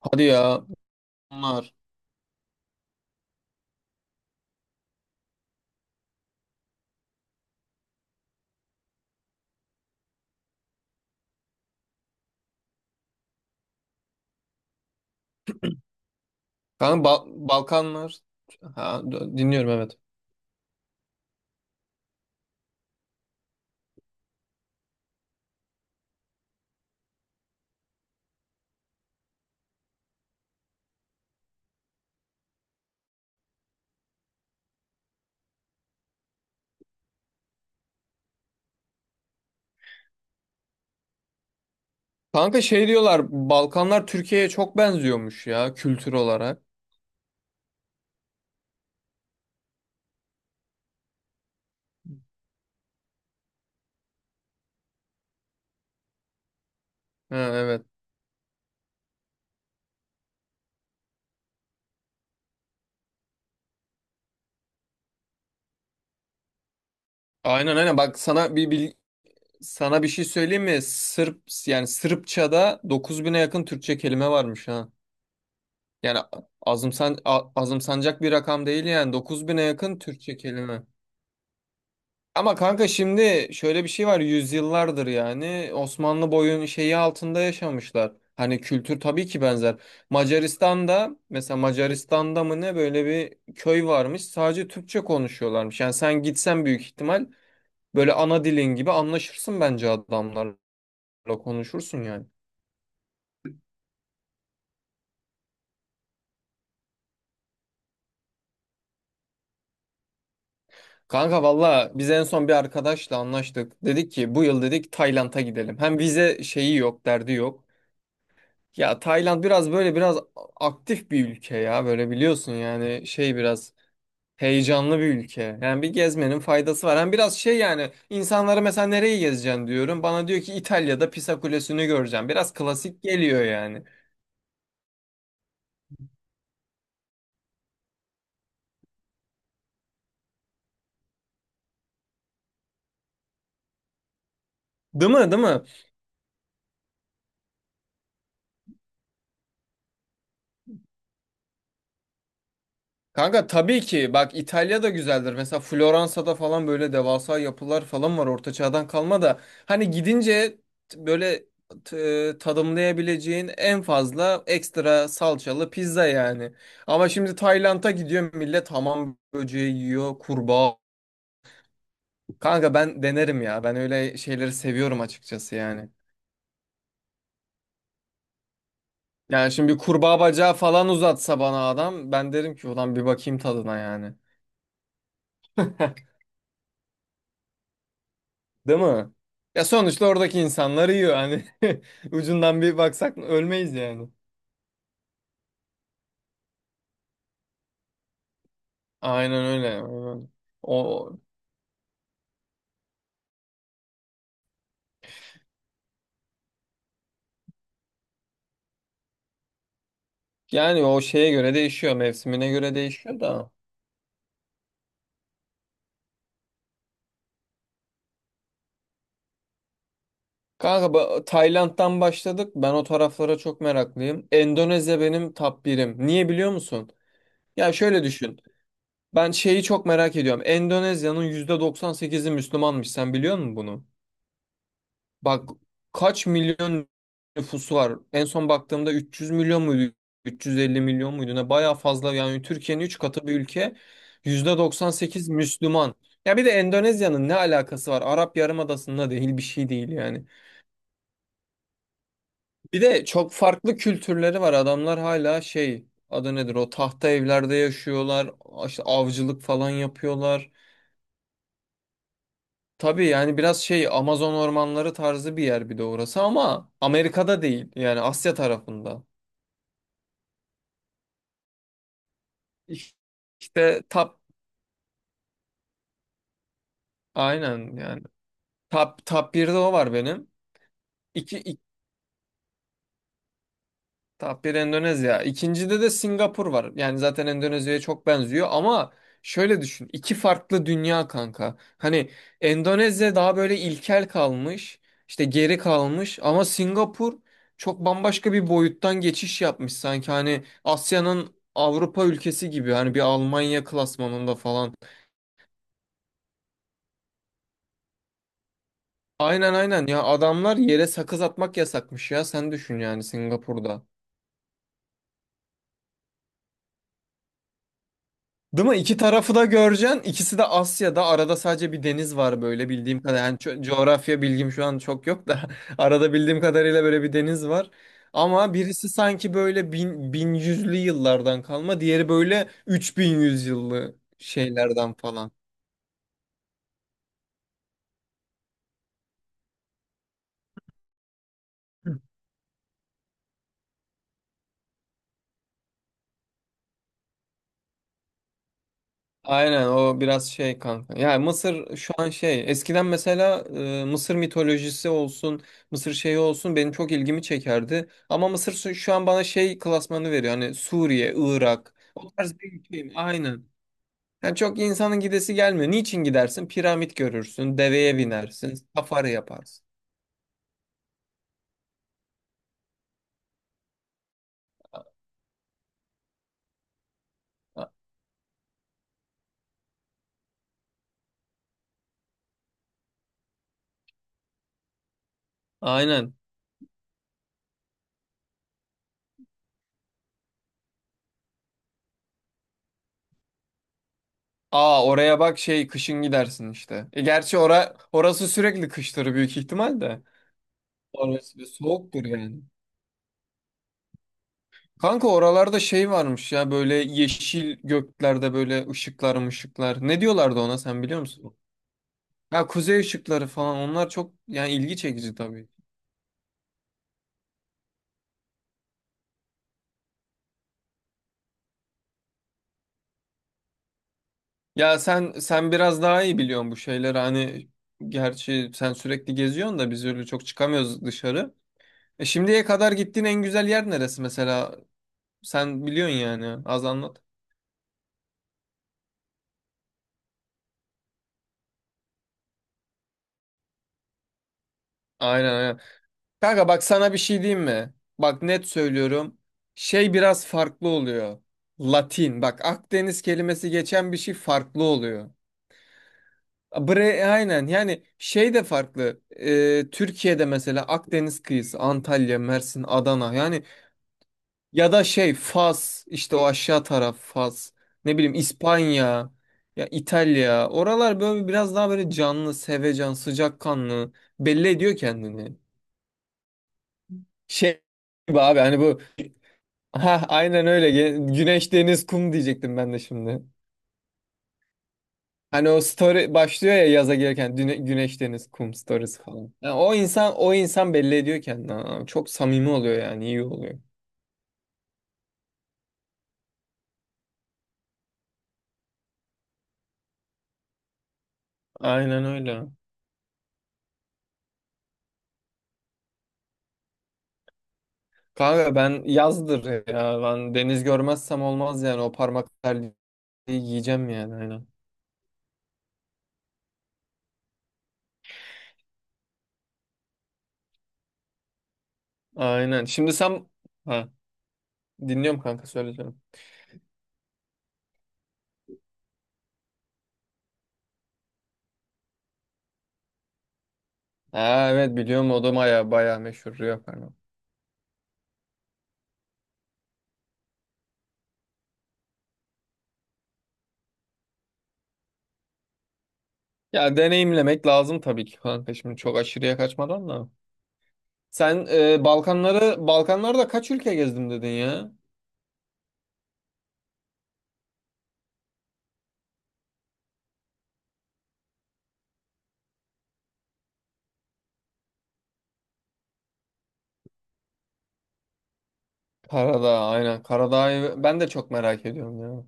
Hadi ya. Bunlar. Kanka Balkanlar. Ha, dinliyorum, evet. Kanka şey diyorlar, Balkanlar Türkiye'ye çok benziyormuş ya, kültür olarak. Ha, evet. Aynen, aynen, bak sana sana bir şey söyleyeyim mi? Sırp yani Sırpça'da 9000'e yakın Türkçe kelime varmış ha. Yani azımsanacak bir rakam değil yani, 9000'e yakın Türkçe kelime. Ama kanka şimdi şöyle bir şey var, yüzyıllardır yani Osmanlı boyun şeyi altında yaşamışlar. Hani kültür tabii ki benzer. Macaristan'da mesela, Macaristan'da mı ne, böyle bir köy varmış, sadece Türkçe konuşuyorlarmış. Yani sen gitsen büyük ihtimal böyle ana dilin gibi anlaşırsın bence adamlarla, konuşursun yani. Kanka valla biz en son bir arkadaşla anlaştık. Dedik ki bu yıl dedik Tayland'a gidelim. Hem vize şeyi yok, derdi yok. Ya Tayland biraz böyle biraz aktif bir ülke ya, böyle biliyorsun yani, şey biraz heyecanlı bir ülke. Yani bir gezmenin faydası var. Hem biraz şey yani, insanlara mesela nereyi gezeceksin diyorum. Bana diyor ki İtalya'da Pisa Kulesi'ni göreceğim. Biraz klasik geliyor yani. Değil mi? Değil mi? Kanka tabii ki bak, İtalya da güzeldir. Mesela Floransa'da falan böyle devasa yapılar falan var orta çağdan kalma da, hani gidince t- böyle t- tadımlayabileceğin en fazla ekstra salçalı pizza yani. Ama şimdi Tayland'a gidiyor millet, hamam böceği yiyor, kurbağa. Kanka ben denerim ya. Ben öyle şeyleri seviyorum açıkçası yani. Yani şimdi bir kurbağa bacağı falan uzatsa bana adam, ben derim ki ulan, bir bakayım tadına yani. Değil mi? Ya sonuçta oradaki insanlar yiyor hani, ucundan bir baksak ölmeyiz yani. Aynen öyle. Aynen. O yani o şeye göre değişiyor, mevsimine göre değişiyor da. Kanka Tayland'dan başladık. Ben o taraflara çok meraklıyım. Endonezya benim top birim. Niye biliyor musun? Ya şöyle düşün. Ben şeyi çok merak ediyorum. Endonezya'nın %98'i Müslümanmış. Sen biliyor musun bunu? Bak, kaç milyon nüfusu var? En son baktığımda 300 milyon muydu? 350 milyon muydu? Ne bayağı fazla yani, Türkiye'nin 3 katı bir ülke. %98 Müslüman. Ya bir de Endonezya'nın ne alakası var? Arap Yarımadası'nda değil, bir şey değil yani. Bir de çok farklı kültürleri var. Adamlar hala şey, adı nedir, o tahta evlerde yaşıyorlar. İşte avcılık falan yapıyorlar. Tabii yani biraz şey, Amazon ormanları tarzı bir yer bir de orası, ama Amerika'da değil yani, Asya tarafında. İş- İşte top, aynen yani, top 1'de o var benim. İki, ik- top 1 Endonezya. İkincide de Singapur var. Yani zaten Endonezya'ya çok benziyor ama şöyle düşün. İki farklı dünya kanka. Hani Endonezya daha böyle ilkel kalmış, işte geri kalmış, ama Singapur çok bambaşka bir boyuttan geçiş yapmış sanki, hani Asya'nın Avrupa ülkesi gibi, hani bir Almanya klasmanında falan. Aynen aynen ya, adamlar yere sakız atmak yasakmış ya, sen düşün yani, Singapur'da. Değil mi? İki tarafı da göreceksin. İkisi de Asya'da. Arada sadece bir deniz var böyle, bildiğim kadar. Yani coğrafya bilgim şu an çok yok da, arada bildiğim kadarıyla böyle bir deniz var. Ama birisi sanki böyle bin yüzlü yıllardan kalma, diğeri böyle 3100 yıllı şeylerden falan. Aynen, o biraz şey kanka. Yani Mısır şu an şey, eskiden mesela Mısır mitolojisi olsun, Mısır şeyi olsun, benim çok ilgimi çekerdi. Ama Mısır şu an bana şey klasmanı veriyor. Hani Suriye, Irak, o tarz bir ülkeyim. Aynen. Yani çok insanın gidesi gelmiyor. Niçin gidersin? Piramit görürsün, deveye binersin, safari yaparsın. A- Aynen. Aa, oraya bak, şey, kışın gidersin işte. E, gerçi orası sürekli kıştır büyük ihtimal de. Orası bir soğuktur yani. Kanka oralarda şey varmış ya, böyle yeşil göklerde böyle ışıklar, ışıklar. Ne diyorlardı ona, sen biliyor musun? Ya kuzey ışıkları falan, onlar çok yani ilgi çekici tabii. Ya sen biraz daha iyi biliyorsun bu şeyleri hani, gerçi sen sürekli geziyorsun da biz öyle çok çıkamıyoruz dışarı. E, şimdiye kadar gittiğin en güzel yer neresi mesela? Sen biliyorsun yani, az anlat. Aynen, aynen. Kanka bak sana bir şey diyeyim mi? Bak net söylüyorum. Şey biraz farklı oluyor. Latin. Bak, Akdeniz kelimesi geçen bir şey farklı oluyor. Bre aynen yani, şey de farklı. Türkiye'de mesela Akdeniz kıyısı Antalya, Mersin, Adana yani, ya da şey Fas, işte o aşağı taraf, Fas. Ne bileyim, İspanya ya İtalya. Oralar böyle biraz daha böyle canlı, sevecen, sıcakkanlı, belli ediyor kendini. Şey gibi abi, hani bu, ha aynen öyle. Güneş, deniz, kum diyecektim ben de şimdi. Hani o story başlıyor ya yaza girerken, güneş, deniz, kum stories falan. Yani o insan, o insan belli ediyor kendini. Aa, çok samimi oluyor yani, iyi oluyor. Aynen öyle. Kanka ben yazdır ya. Ben deniz görmezsem olmaz yani, o parmak terliği yiyeceğim yani, aynen. Aynen. Şimdi sen, ha, dinliyorum kanka, söyleyeceğim. Ha evet, biliyorum, o da baya baya meşhur Rio. Ya deneyimlemek lazım tabii ki kanka, şimdi çok aşırıya kaçmadan da. Sen Balkanlarda kaç ülke gezdim dedin ya? Karadağ, aynen, Karadağ'ı ben de çok merak ediyorum ya.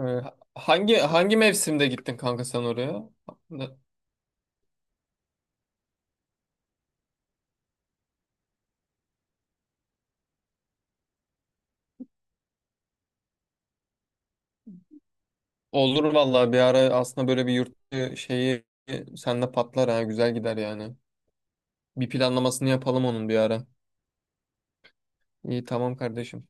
E, hangi mevsimde gittin kanka sen oraya? Olur vallahi, bir ara aslında böyle bir yurt dışı şeyi sende patlar ha, güzel gider yani. Bir planlamasını yapalım onun bir ara. İyi, tamam kardeşim.